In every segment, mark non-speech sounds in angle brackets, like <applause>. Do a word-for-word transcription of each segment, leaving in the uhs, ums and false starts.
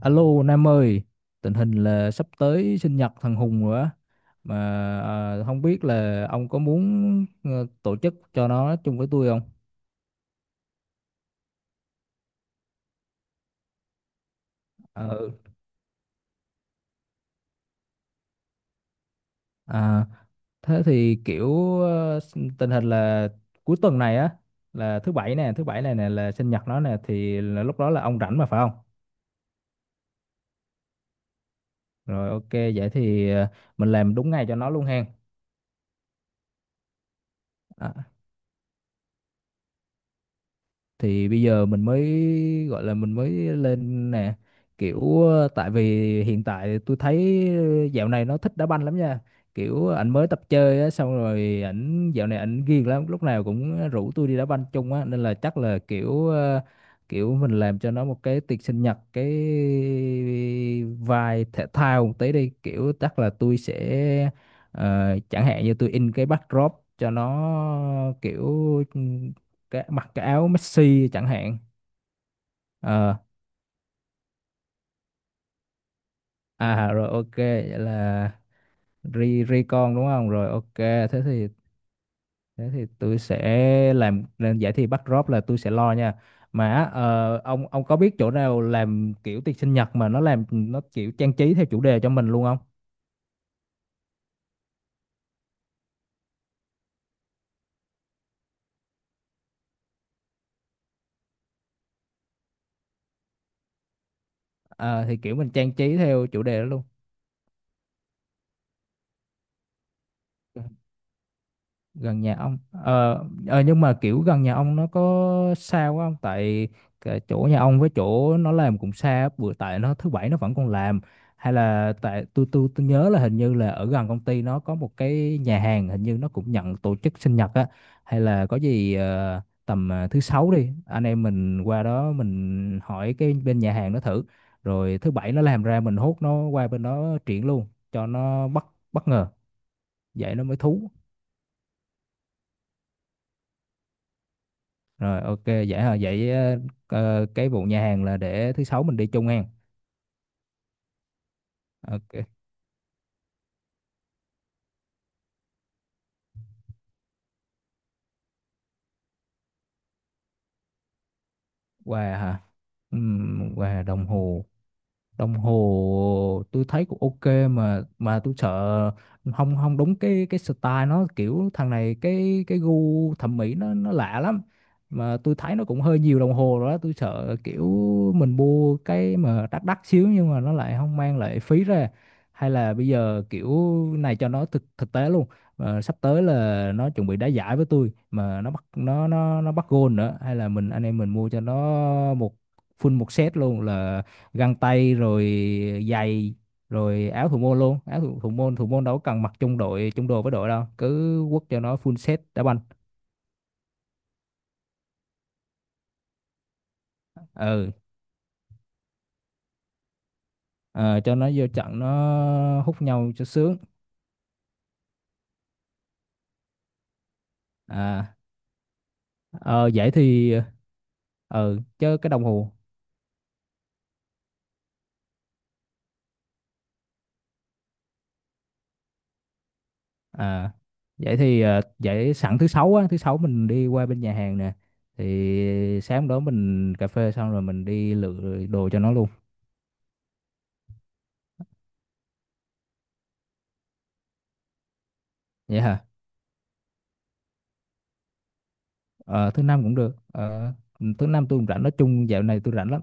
Alo Nam ơi, tình hình là sắp tới sinh nhật thằng Hùng rồi á, mà à, không biết là ông có muốn ờ, tổ chức cho nó chung với tôi không? Ờ, à, thế thì kiểu ờ, s- tình hình là cuối tuần này á, là thứ bảy nè, thứ bảy này nè là sinh nhật nó nè, thì là lúc đó là ông rảnh mà phải không? Rồi ok, vậy thì ờ, mình làm đúng ngày cho nó luôn hen. À, thì bây giờ mình mới gọi là mình mới lên nè kiểu ờ, tại vì hiện tại tôi thấy dạo này nó thích đá banh lắm nha, kiểu ảnh mới tập chơi á xong rồi ảnh dạo này ảnh ghiền lắm, lúc nào cũng rủ tôi đi đá banh chung á, nên là chắc là kiểu ờ, kiểu mình làm cho nó một cái tiệc sinh nhật, cái vai thể thao một tí đi, kiểu chắc là tôi sẽ ờ, chẳng hạn như tôi in cái backdrop cho nó, kiểu cái mặc cái áo Messi chẳng hạn. Ờ, à rồi ok vậy là ri ri con đúng không, rồi ok. Thế thì thế thì tôi sẽ làm làm giải thi bắt drop là tôi sẽ lo nha. Mà á, ờ, ông ông có biết chỗ nào làm kiểu tiệc sinh nhật mà nó làm nó kiểu trang trí theo chủ đề cho mình luôn không? Ờ, thì kiểu mình trang trí theo chủ đề đó luôn. Gần nhà ông ờ ờ, nhưng mà kiểu gần nhà ông nó có xa quá không, tại cái chỗ nhà ông với chỗ nó làm cũng xa bữa, tại nó thứ bảy nó vẫn còn làm. Hay là tại tôi tôi tôi nhớ là hình như là ở gần công ty nó có một cái nhà hàng, hình như nó cũng nhận tổ chức sinh nhật á. Hay là có gì ờ, tầm ờ, thứ sáu đi, anh em mình qua đó mình hỏi cái bên nhà hàng nó thử, rồi thứ bảy nó làm ra mình hốt nó qua bên đó triển luôn cho nó bất bất ngờ, vậy nó mới thú. Rồi ok vậy hả? Vậy ờ, ờ, cái vụ nhà hàng là để thứ sáu mình đi chung hen. Ok. Quà hả? Ừm, quà đồng hồ. Đồng hồ tôi thấy cũng ok, mà mà tôi sợ không không đúng cái cái style nó, kiểu thằng này cái cái gu thẩm mỹ nó nó lạ lắm, mà tôi thấy nó cũng hơi nhiều đồng hồ rồi đó, tôi sợ kiểu mình mua cái mà đắt đắt xíu nhưng mà nó lại không mang lại phí ra. Hay là bây giờ kiểu này cho nó thực thực tế luôn. Ờ, sắp tới là nó chuẩn bị đá giải với tôi mà nó bắt, nó nó nó bắt gôn nữa, hay là mình anh em mình mua cho nó một full một set luôn, là găng tay rồi giày rồi áo thủ môn luôn, áo thủ, thủ môn thủ môn đâu có cần mặc chung đội chung đồ với đội đâu, cứ quất cho nó full set đá banh. Ừ, ờ, cho nó vô trận nó hút nhau cho sướng. À, ờ, vậy thì ừ chứ cái đồng hồ. À vậy thì ờ, vậy sẵn thứ sáu á thứ sáu mình đi qua bên nhà hàng nè, thì sáng đó mình cà phê xong rồi mình đi lựa đồ cho nó luôn. Vậy hả? ờ, thứ năm cũng được. ờ, thứ năm tôi cũng rảnh, nói chung dạo này tôi rảnh lắm.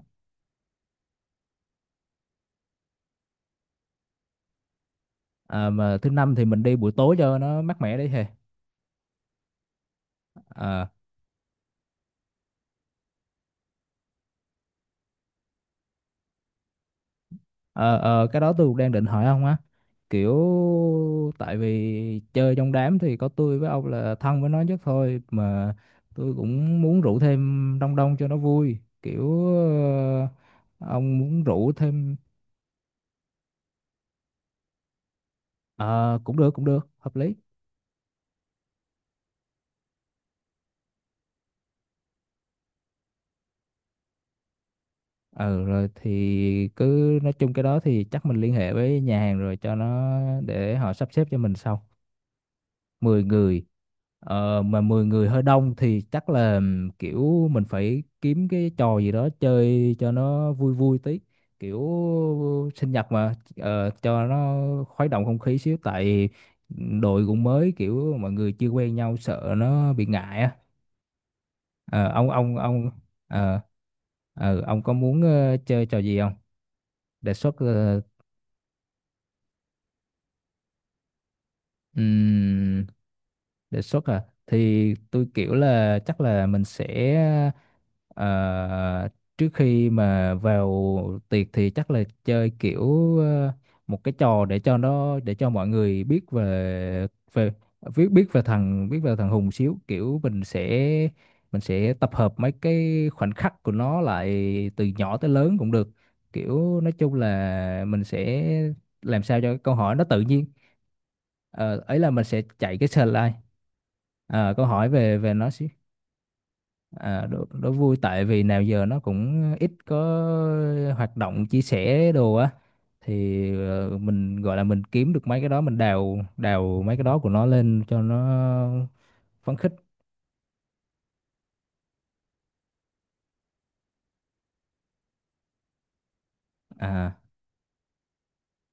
À, mà thứ năm thì mình đi buổi tối cho nó mát mẻ đấy hè. À, ờ, ờ, cái đó tôi cũng đang định hỏi ông á, kiểu tại vì chơi trong đám thì có tôi với ông là thân với nó nhất thôi, mà tôi cũng muốn rủ thêm đông đông cho nó vui, kiểu ờ, ông muốn rủ thêm. Ờ, cũng được, cũng được hợp lý. Ờ rồi thì cứ nói chung cái đó thì chắc mình liên hệ với nhà hàng rồi cho nó, để họ sắp xếp cho mình sau. Mười người. Ờ, mà mười người hơi đông thì chắc là kiểu mình phải kiếm cái trò gì đó chơi cho nó vui vui tí, kiểu sinh nhật mà. ờ, cho nó khuấy động không khí xíu, tại đội cũng mới kiểu mọi người chưa quen nhau, sợ nó bị ngại á. Ờ, ông ông ông ờ, ờ, ông có muốn ờ, chơi trò gì không, đề xuất ờ, Ừm, đề xuất à, thì tôi kiểu là chắc là mình sẽ ờ, trước khi mà vào tiệc thì chắc là chơi kiểu ờ, một cái trò để cho nó, để cho mọi người biết về về biết biết về thằng biết về thằng Hùng xíu, kiểu mình sẽ mình sẽ tập hợp mấy cái khoảnh khắc của nó lại từ nhỏ tới lớn cũng được, kiểu nói chung là mình sẽ làm sao cho cái câu hỏi nó tự nhiên. ờ, ấy là mình sẽ chạy cái slide. Ờ, câu hỏi về về nó xí. À, đố, đố vui, tại vì nào giờ nó cũng ít có hoạt động chia sẻ đồ á, thì ờ, mình gọi là mình kiếm được mấy cái đó, mình đào đào mấy cái đó của nó lên cho nó phấn khích. À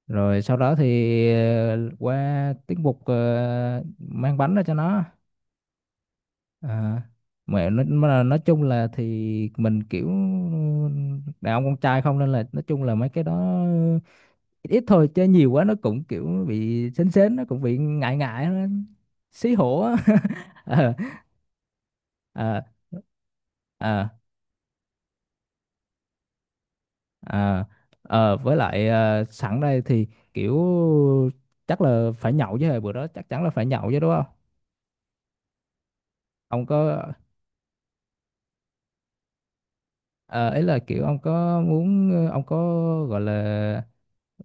rồi sau đó thì ờ, qua tiết mục ờ, mang bánh ra cho nó. À, mà nói, mà nói chung là thì mình kiểu đàn ông con trai không, nên là nói chung là mấy cái đó ít, ít thôi, chứ nhiều quá nó cũng kiểu bị sến sến nó cũng bị ngại ngại nó xí hổ á. <laughs> Ờ, ờ, ờ, ờ, ờ, với lại ờ, sẵn đây thì kiểu chắc là phải nhậu chứ, bữa đó chắc chắn là phải nhậu chứ đúng không? Ông có Ờ, ấy là kiểu ông có muốn ờ, ông có gọi là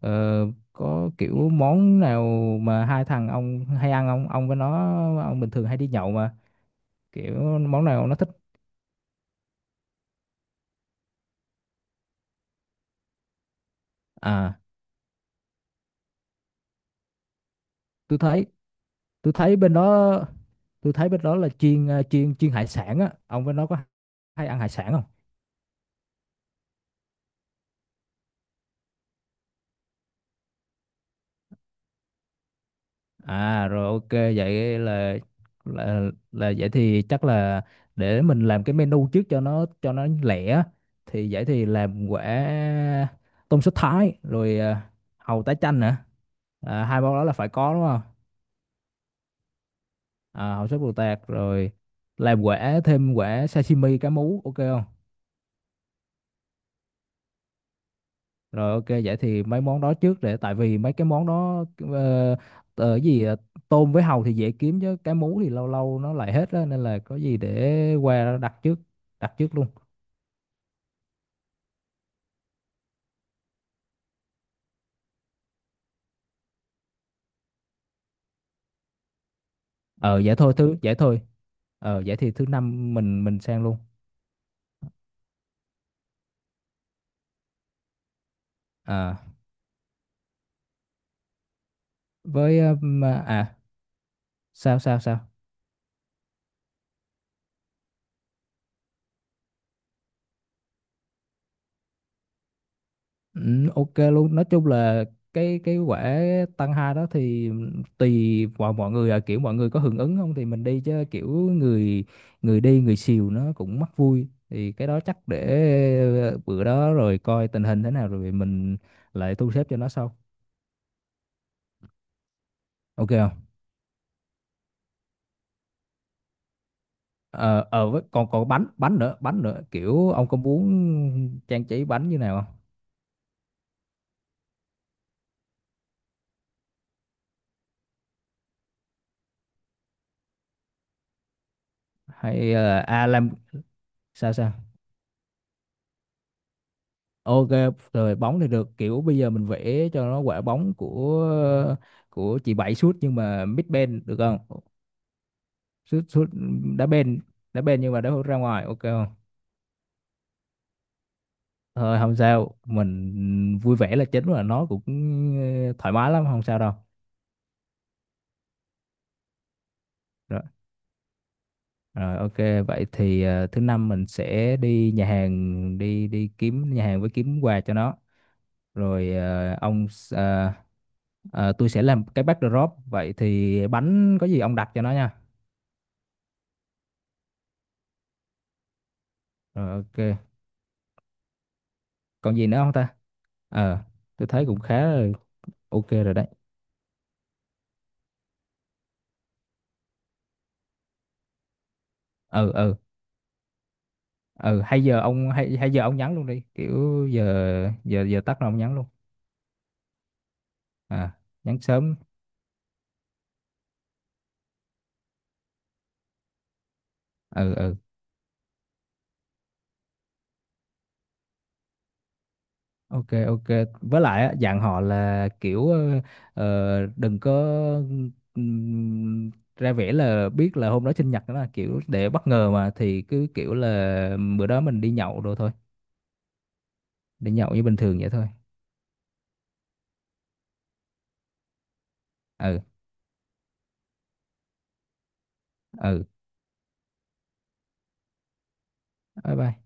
ờ, có kiểu món nào mà hai thằng ông hay ăn không? Ông với nó, ông bình thường hay đi nhậu mà, kiểu món nào nó thích. À, tôi thấy tôi thấy bên đó tôi thấy bên đó là chiên ờ, chiên chiên hải sản á. Ông với nó có hay ăn hải sản không? À rồi ok vậy là là là vậy thì chắc là để mình làm cái menu trước cho nó, cho nó lẻ. Thì vậy thì làm quả tôm sốt Thái rồi à, hàu tái chanh nữa. À, hai món đó là phải có đúng không? À, hàu sốt bồ tạt rồi, làm quả thêm quả sashimi cá mú ok không? Rồi ok vậy thì mấy món đó trước, để tại vì mấy cái món đó ờ, ờ, gì ờ, tôm với hàu thì dễ kiếm, chứ cá mú thì lâu lâu nó lại hết á, nên là có gì để qua đặt trước, đặt trước luôn. Ờ vậy thôi thứ vậy thôi. Ờ vậy thì thứ năm mình mình sang luôn. À với ờ, mà- à sao sao sao. Ừ, ok luôn. Nói chung là cái cái quả tăng hai đó thì tùy vào mọi người à, kiểu mọi người có hưởng ứng không thì mình đi, chứ kiểu người người đi người xìu nó cũng mắc vui, thì cái đó chắc để bữa đó rồi coi tình hình thế nào rồi mình lại thu xếp cho nó sau, ok không? Ờ ờ, với còn còn bánh bánh nữa bánh nữa, kiểu ông có muốn trang trí bánh như nào không? Hay là à làm sao sao. Ok, rồi bóng thì được, kiểu bây giờ mình vẽ cho nó quả bóng của của chị Bảy sút nhưng mà mid bên được không? Sút sút đá bên, đá bên nhưng mà đá ra ngoài ok không? Thôi không sao, mình vui vẻ là chính, và nó cũng ờ, thoải mái lắm, không sao đâu. rồi, Rồi ok, vậy thì ờ, thứ năm mình sẽ đi nhà hàng, đi đi kiếm nhà hàng với kiếm quà cho nó. Rồi ờ, ông s- ờ, ờ, tôi sẽ làm cái backdrop, vậy thì bánh có gì ông đặt cho nó nha. Rồi ok. Còn gì nữa không ta? Ờ, tôi thấy cũng khá là ok rồi đấy. Ừ ừ, ừ hay giờ ông hay hay giờ ông nhắn luôn đi. Kiểu giờ giờ giờ tắt rồi ông nhắn luôn. À, nhắn sớm. Ừ ừ. Ok ok. Với lại á, dặn họ là kiểu ờ, ờ, đừng có ừm, ra vẻ là biết là hôm đó sinh nhật đó, là kiểu để bất ngờ mà, thì cứ kiểu là bữa đó mình đi nhậu rồi thôi. Đi nhậu như bình thường vậy thôi. Ừ ừ. Bye bye.